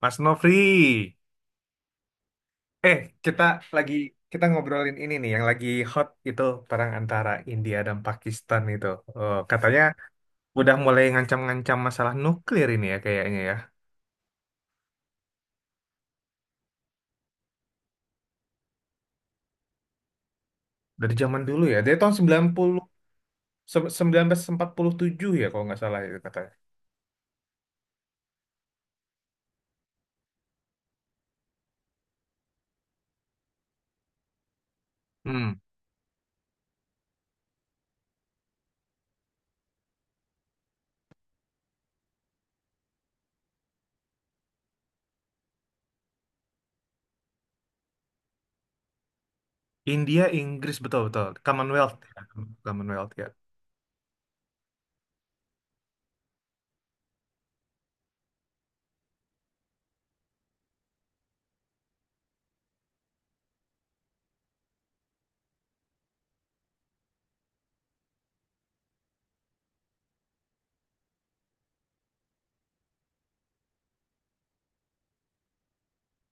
Mas Nofri, eh kita lagi kita ngobrolin ini nih yang lagi hot itu, perang antara India dan Pakistan itu. Oh, katanya udah mulai ngancam-ngancam masalah nuklir ini ya kayaknya ya. Dari zaman dulu ya, dari tahun 90 se- seribu sembilan ratus empat puluh tujuh ya kalau nggak salah itu katanya. Hmm. India, Inggris betul-betul. Commonwealth ya. Commonwealth ya.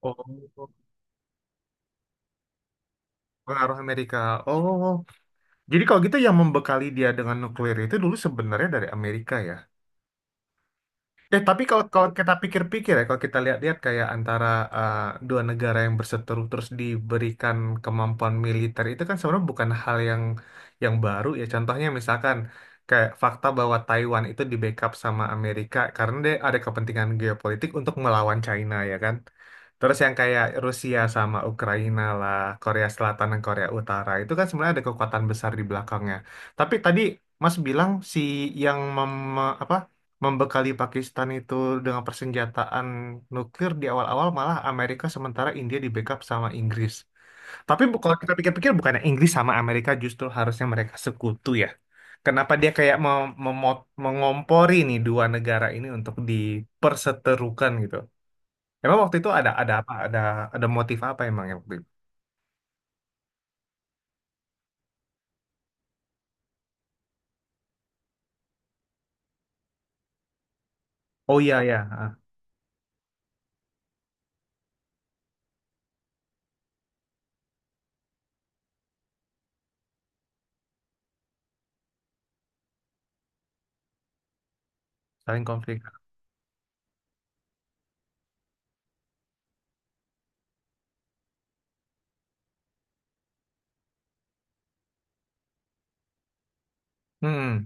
Oh, pengaruh Amerika. Oh, jadi kalau gitu yang membekali dia dengan nuklir itu dulu sebenarnya dari Amerika ya. Tapi kalau kalau kita pikir-pikir ya, kalau kita lihat-lihat kayak antara eh, dua negara yang berseteru terus diberikan kemampuan militer itu kan sebenarnya bukan hal yang baru ya. Contohnya misalkan kayak fakta bahwa Taiwan itu di backup sama Amerika karena dia ada kepentingan geopolitik untuk melawan China ya kan. Terus yang kayak Rusia sama Ukraina lah, Korea Selatan dan Korea Utara itu kan sebenarnya ada kekuatan besar di belakangnya. Tapi tadi Mas bilang si yang apa membekali Pakistan itu dengan persenjataan nuklir di awal-awal malah Amerika, sementara India di backup sama Inggris. Tapi kalau kita pikir-pikir bukannya Inggris sama Amerika justru harusnya mereka sekutu ya. Kenapa dia kayak mengompori nih dua negara ini untuk diperseterukan gitu. Emang waktu itu ada apa? Ada motif apa emang yang waktu itu? Oh iya ya, ah, saling konflik. Hmm.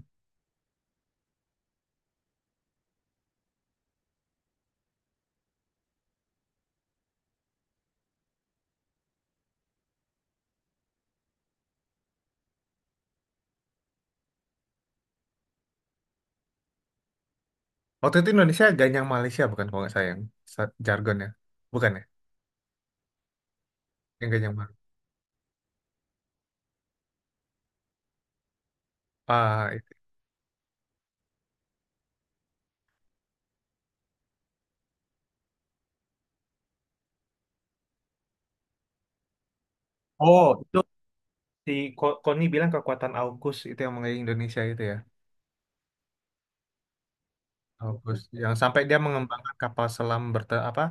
Waktu itu Indonesia ganyang Malaysia bukan kalau nggak sayang jargonnya. Bukan ya? Yang ganyang Malaysia. Ah, itu. Oh, itu. Si Koni bilang kekuatan AUKUS itu yang mengenai Indonesia itu ya. AUKUS yang sampai dia mengembangkan kapal selam berte apa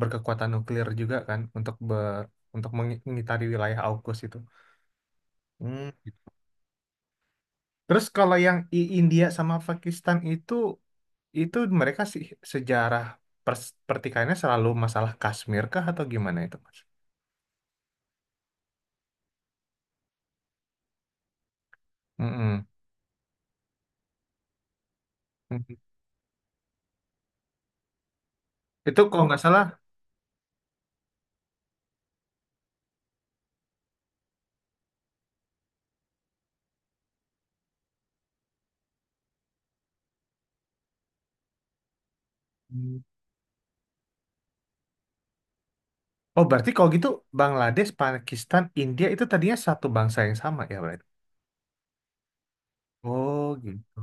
berkekuatan nuklir juga kan untuk mengitari wilayah AUKUS itu. Hmm. Terus kalau yang India sama Pakistan itu mereka sih sejarah pertikaiannya selalu masalah Kashmir kah atau gimana itu, Mas? Mm-mm. Mm-mm. Itu kalau nggak salah. Hmm. Oh, berarti kalau gitu Bangladesh, Pakistan, India itu tadinya satu bangsa yang sama ya berarti? Oh gitu.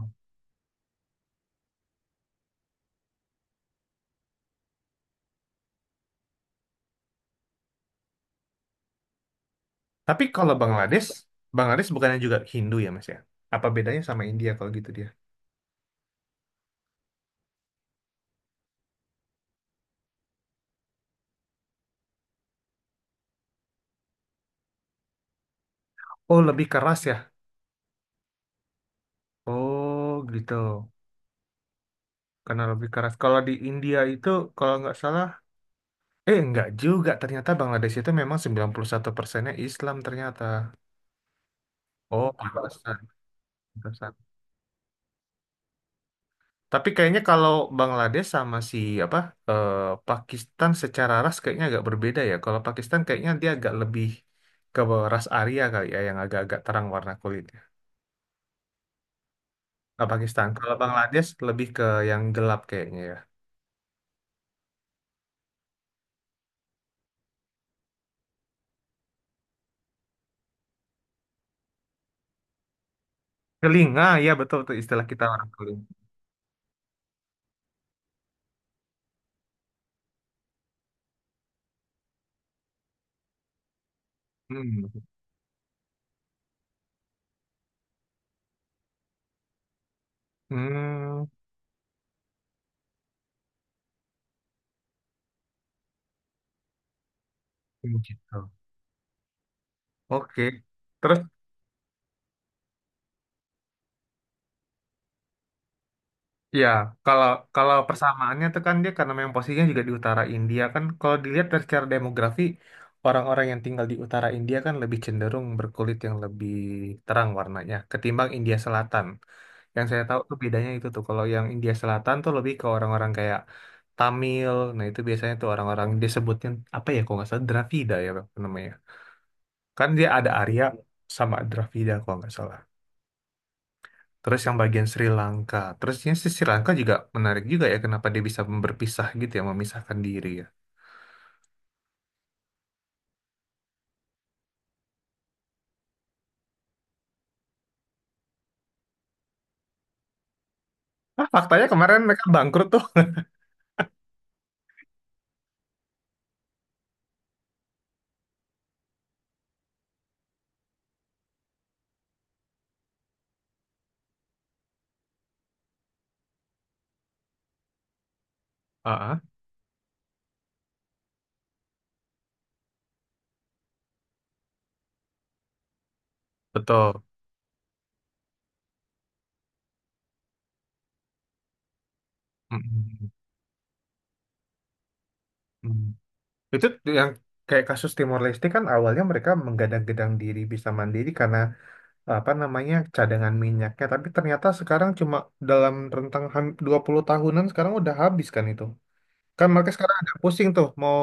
Tapi kalau Bangladesh bukannya juga Hindu ya Mas ya? Apa bedanya sama India kalau gitu dia? Oh lebih keras ya? Oh gitu. Karena lebih keras. Kalau di India itu kalau nggak salah, nggak juga. Ternyata Bangladesh itu memang 91%-nya Islam ternyata. Oh pantesan, pantesan. Tapi kayaknya kalau Bangladesh sama si apa eh, Pakistan secara ras kayaknya agak berbeda ya. Kalau Pakistan kayaknya dia agak lebih ke ras Arya kali ya, yang agak-agak terang warna kulit. Nggak Pakistan. Kalau Bangladesh lebih ke yang gelap kayaknya ya. Keling, ah iya betul tuh istilah kita orang keling. Hmm. Hmm, gitu. Oke. Terus ya kalau kalau persamaannya tuh kan dia karena memang posisinya juga di utara India kan, kalau dilihat dari secara demografi, orang-orang yang tinggal di utara India kan lebih cenderung berkulit yang lebih terang warnanya ketimbang India Selatan. Yang saya tahu tuh bedanya itu tuh kalau yang India Selatan tuh lebih ke orang-orang kayak Tamil. Nah, itu biasanya tuh orang-orang disebutnya apa ya, kalau nggak salah Dravida ya Bang, namanya. Kan dia ada Arya sama Dravida kalau nggak salah. Terus yang bagian Sri Lanka. Terusnya si Sri Lanka juga menarik juga ya, kenapa dia bisa berpisah gitu ya, memisahkan diri ya. Ah faktanya kemarin mereka bangkrut tuh. Ah ah, betul. Mm-mm. Mm. Mm. Itu yang kayak kasus Timor Leste, kan awalnya mereka menggadang-gadang diri bisa mandiri karena apa namanya cadangan minyaknya, tapi ternyata sekarang cuma dalam rentang 20 tahunan sekarang udah habis kan itu, kan mereka sekarang ada pusing tuh mau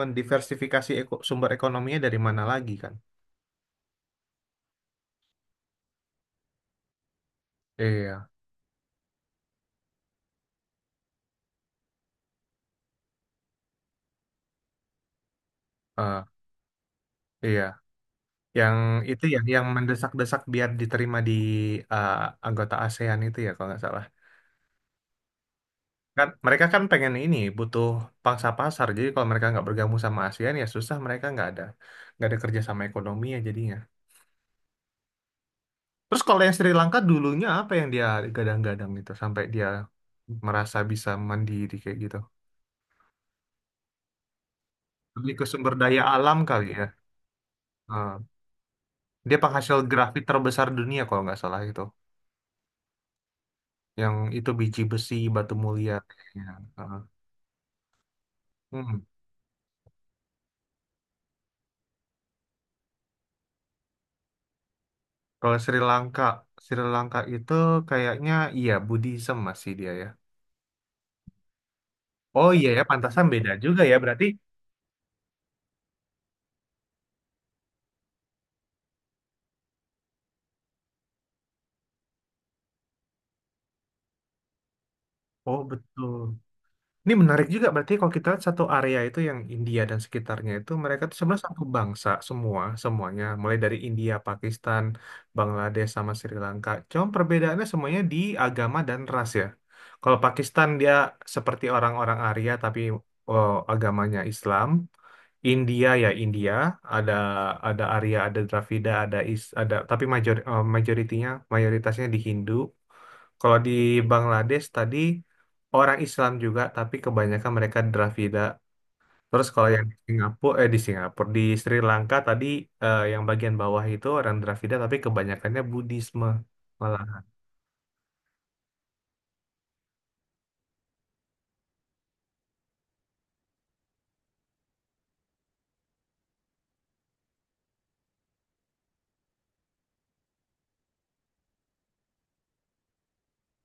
mendiversifikasi sumber ekonominya dari mana lagi kan. Iya. eh, iya yang itu ya yang mendesak-desak biar diterima di eh, anggota ASEAN itu ya kalau nggak salah. Kan mereka kan pengen ini butuh pangsa pasar, jadi kalau mereka nggak bergabung sama ASEAN ya susah, mereka nggak ada kerjasama ekonominya jadinya. Terus kalau yang Sri Lanka dulunya apa yang dia gadang-gadang itu sampai dia merasa bisa mandiri kayak gitu? Lebih ke sumber daya alam kali ya. Eh, Dia penghasil grafit terbesar dunia kalau nggak salah itu. Yang itu biji besi, batu mulia kayaknya. Eh, hmm. Kalau Sri Lanka itu kayaknya iya Buddhism masih dia ya. Oh iya ya, pantasan beda juga ya berarti. Oh betul. Ini menarik juga berarti kalau kita lihat satu area itu yang India dan sekitarnya itu mereka tuh sebenarnya satu bangsa semua semuanya, mulai dari India, Pakistan, Bangladesh sama Sri Lanka. Cuma perbedaannya semuanya di agama dan ras ya. Kalau Pakistan dia seperti orang-orang Arya tapi oh, agamanya Islam. India ya India ada ada Arya ada Dravida ada Is ada tapi major eh, majoritinya mayoritasnya di Hindu. Kalau di Bangladesh tadi orang Islam juga tapi kebanyakan mereka Dravida. Terus kalau yang di Singapura eh di Singapura di Sri Lanka tadi, yang bagian bawah itu orang Dravida tapi kebanyakannya Budisme malah.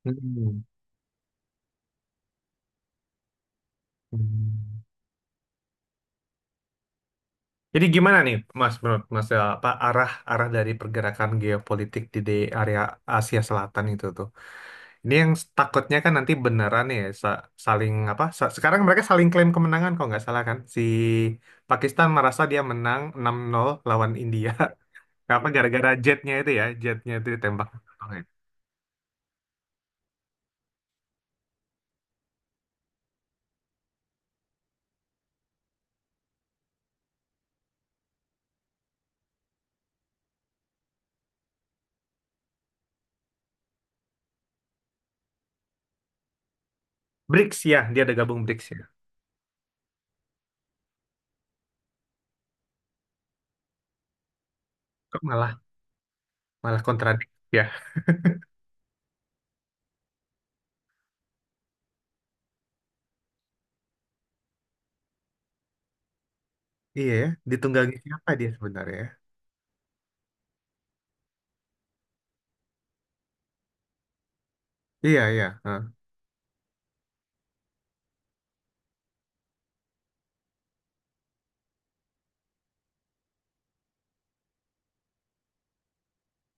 Hmm. Hmm. Jadi gimana nih, Mas, menurut Mas, apa arah arah dari pergerakan geopolitik di area Asia Selatan itu tuh? Ini yang takutnya kan nanti beneran ya saling apa? Sekarang mereka saling klaim kemenangan kok nggak salah kan? Si Pakistan merasa dia menang 6-0 lawan India. Apa gara-gara jetnya itu ya? Jetnya itu ditembak. BRICS ya, dia ada gabung BRICS ya. Kok malah malah kontradik ya? Iya ya, ditunggangi siapa dia sebenarnya? Ya? Iya iya. Heeh.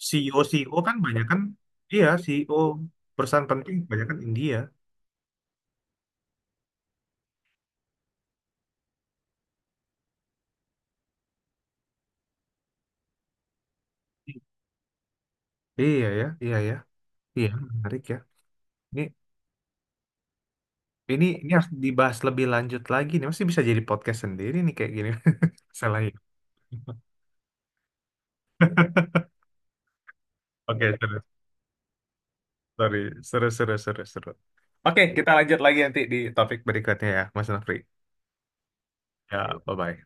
CEO CEO kan banyak kan? Iya CEO perusahaan penting banyak kan India. Iya ya, iya ya, iya menarik ya. Ini ini harus dibahas lebih lanjut lagi nih. Masih bisa jadi podcast sendiri nih kayak gini. Salah ya. Oke, seru. Sorry. Seru, seru, seru, seru. Oke, kita lanjut lagi nanti di topik berikutnya ya, Mas Nafri. Ya, bye-bye.